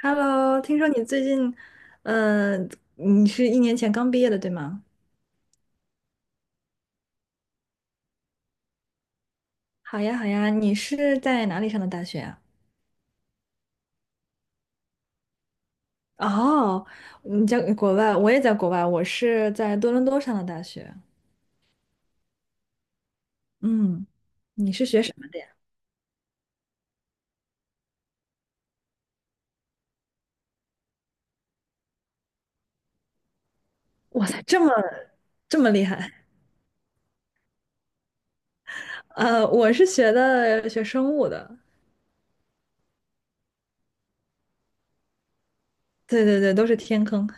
Hello，听说你最近，嗯、你是一年前刚毕业的，对吗？好呀，好呀，你是在哪里上的大学啊？哦，你在国外，我也在国外，我是在多伦多上的大学。嗯，你是学什么的呀？哇塞，这么厉害！我是学生物的，对对对，都是天坑。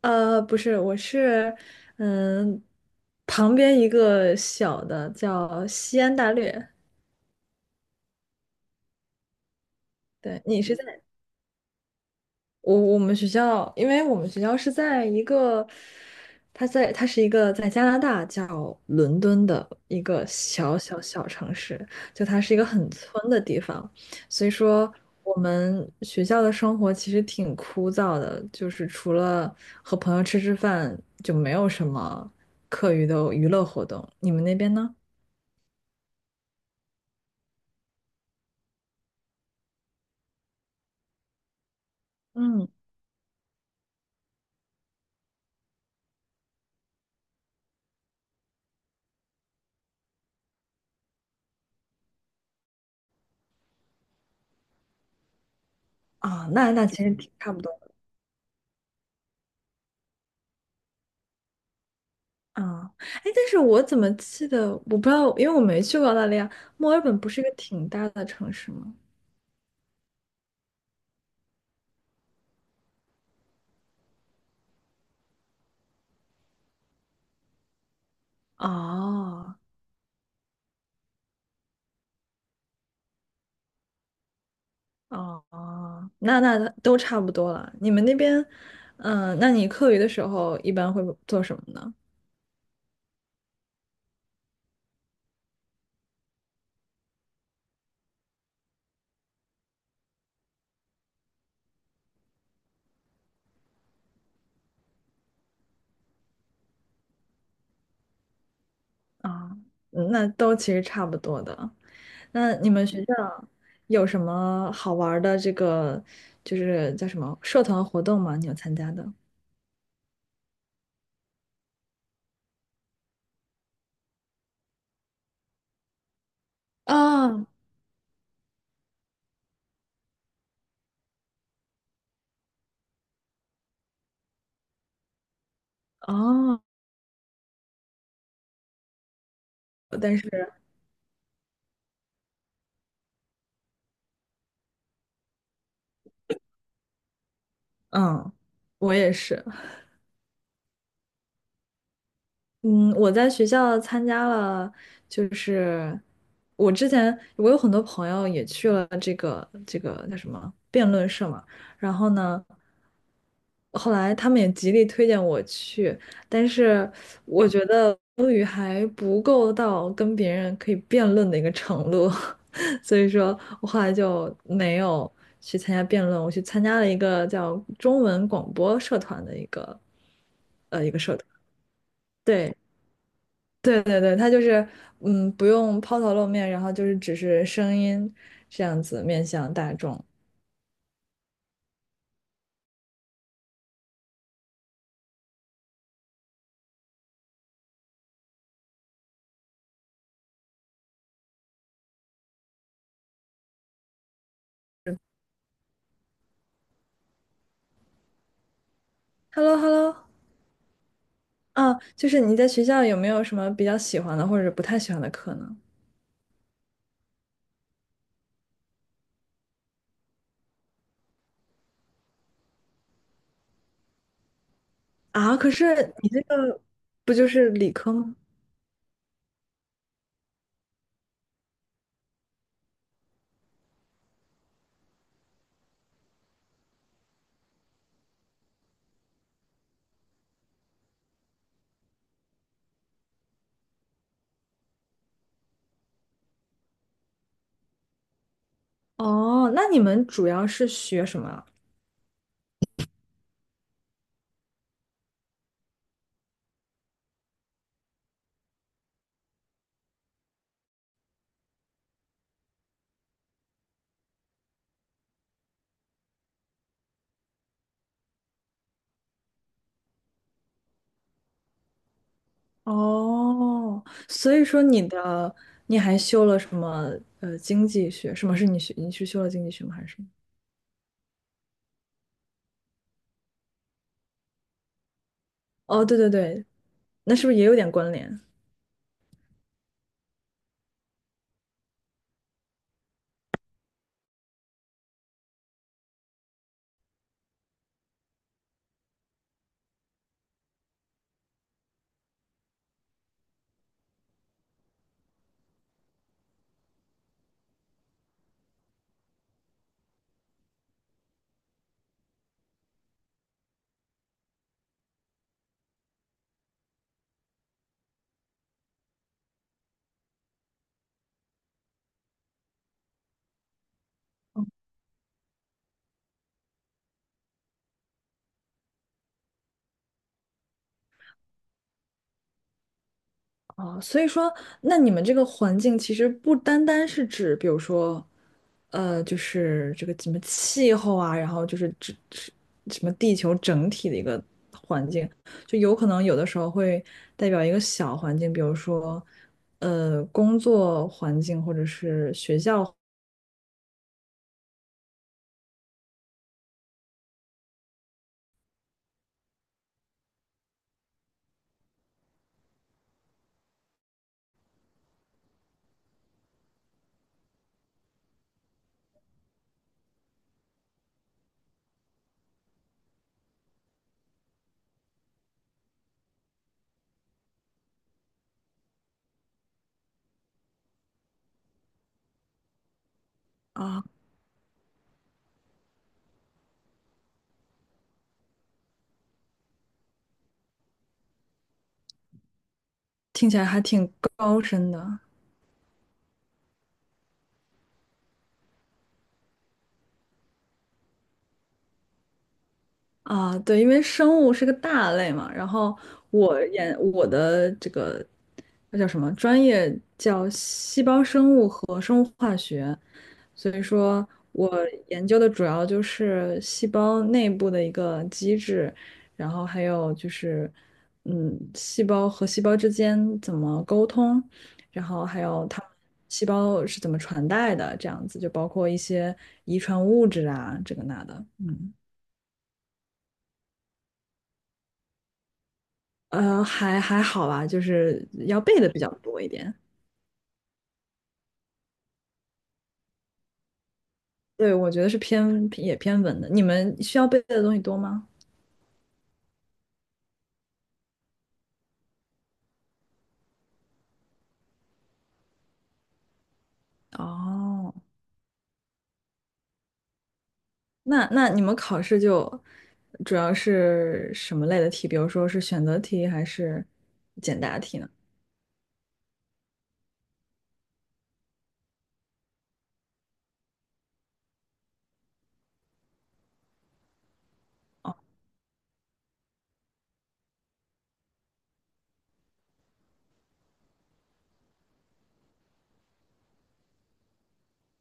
不是，我是，嗯、旁边一个小的叫西安大略。对，你是在？我们学校，因为我们学校是在一个，它是一个在加拿大叫伦敦的一个小城市，就它是一个很村的地方，所以说我们学校的生活其实挺枯燥的，就是除了和朋友吃吃饭，就没有什么课余的娱乐活动。你们那边呢？嗯，啊，那其实挺差不多。啊，哎，但是我怎么记得，我不知道，因为我没去过澳大利亚。墨尔本不是一个挺大的城市吗？哦，哦，哦，那都差不多了。你们那边，那你课余的时候一般会做什么呢？啊、嗯那都其实差不多的。那你们学校有什么好玩儿的这个，就是叫什么社团活动吗？你有参加的？啊，哦，但是，嗯，我也是。嗯，我在学校参加了，就是我之前我有很多朋友也去了这个叫什么辩论社嘛，然后呢，后来他们也极力推荐我去，但是我觉得英语还不够到跟别人可以辩论的一个程度，所以说我后来就没有去参加辩论，我去参加了一个叫中文广播社团的一个一个社团，对。对对对，它就是嗯，不用抛头露面，然后就是只是声音这样子面向大众。h e l l o h e l l o 啊，就是你在学校有没有什么比较喜欢的或者不太喜欢的课呢？啊，可是你这个不就是理科吗？哦，那你们主要是学什么啊哦，所以说你还修了什么经济学？什么是你学？你是修了经济学吗？还是什么？哦，对对对，那是不是也有点关联？哦，所以说，那你们这个环境其实不单单是指，比如说，呃，就是这个什么气候啊，然后指什么地球整体的一个环境，就有可能有的时候会代表一个小环境，比如说，呃，工作环境或者是学校啊，听起来还挺高深的。啊，对，因为生物是个大类嘛，然后我的这个那叫什么专业叫细胞生物和，所以说我研究的主要就是细胞内部的一个机制，然后还有就是嗯，细胞和细胞之间怎么沟通，然后还有它们细胞是怎么传代的，这样子就包括一些遗传物质啊，这个那的，嗯。还好吧，就是要背的比较多一点。对，我觉得是也偏文的。你们需要背的东西多吗？哦，那你们考试就主要是什么类的题？比如说是选择题还是简答题呢？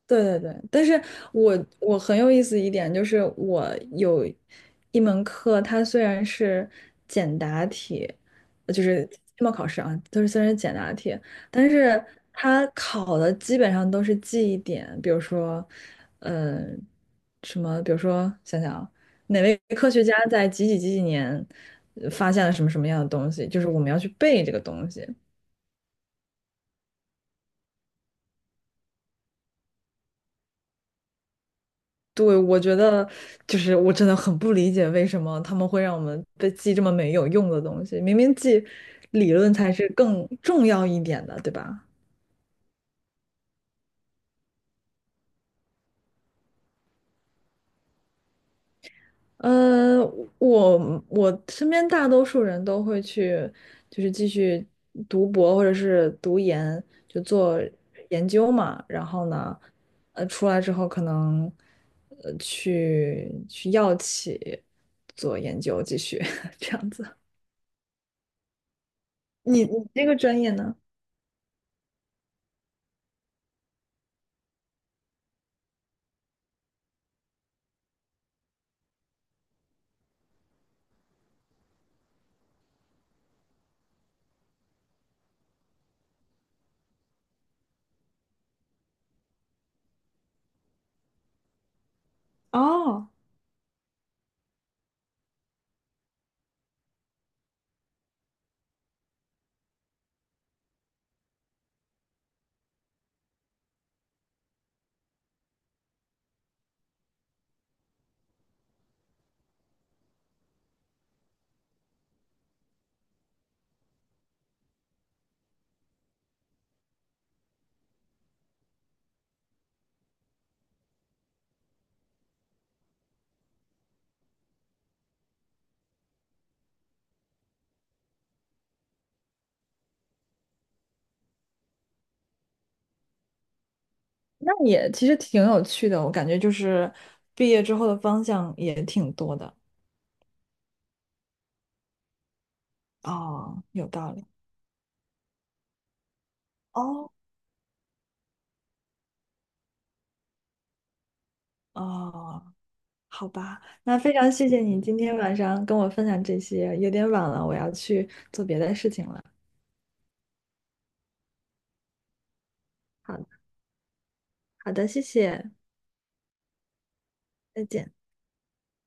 对对对，但是我我很有意思一点就是，我有一门课，它虽然是简答题，就是期末考试啊，就是虽然是简答题，但是它考的基本上都是记忆点，比如说，呃，什么，比如说想想啊，哪位科学家在几几几几年发现了什么什么样的东西，就是我们要去背这个东西。对，我觉得就是我真的很不理解为什么他们会让我们被记这么没有用的东西，明明记理论才是更重要一点的，对吧？呃，我身边大多数人都会去，就是继续读博或者是读研，就做研究嘛。然后呢，呃，出来之后可能去药企做研究，继续 这样子。你你这个专业呢？哦，那也其实挺有趣的，我感觉就是毕业之后的方向也挺多的。哦，有道理。哦，哦，好吧，那非常谢谢你今天晚上跟我分享这些，有点晚了，我要去做别的事情了。好，好的，谢谢，再见。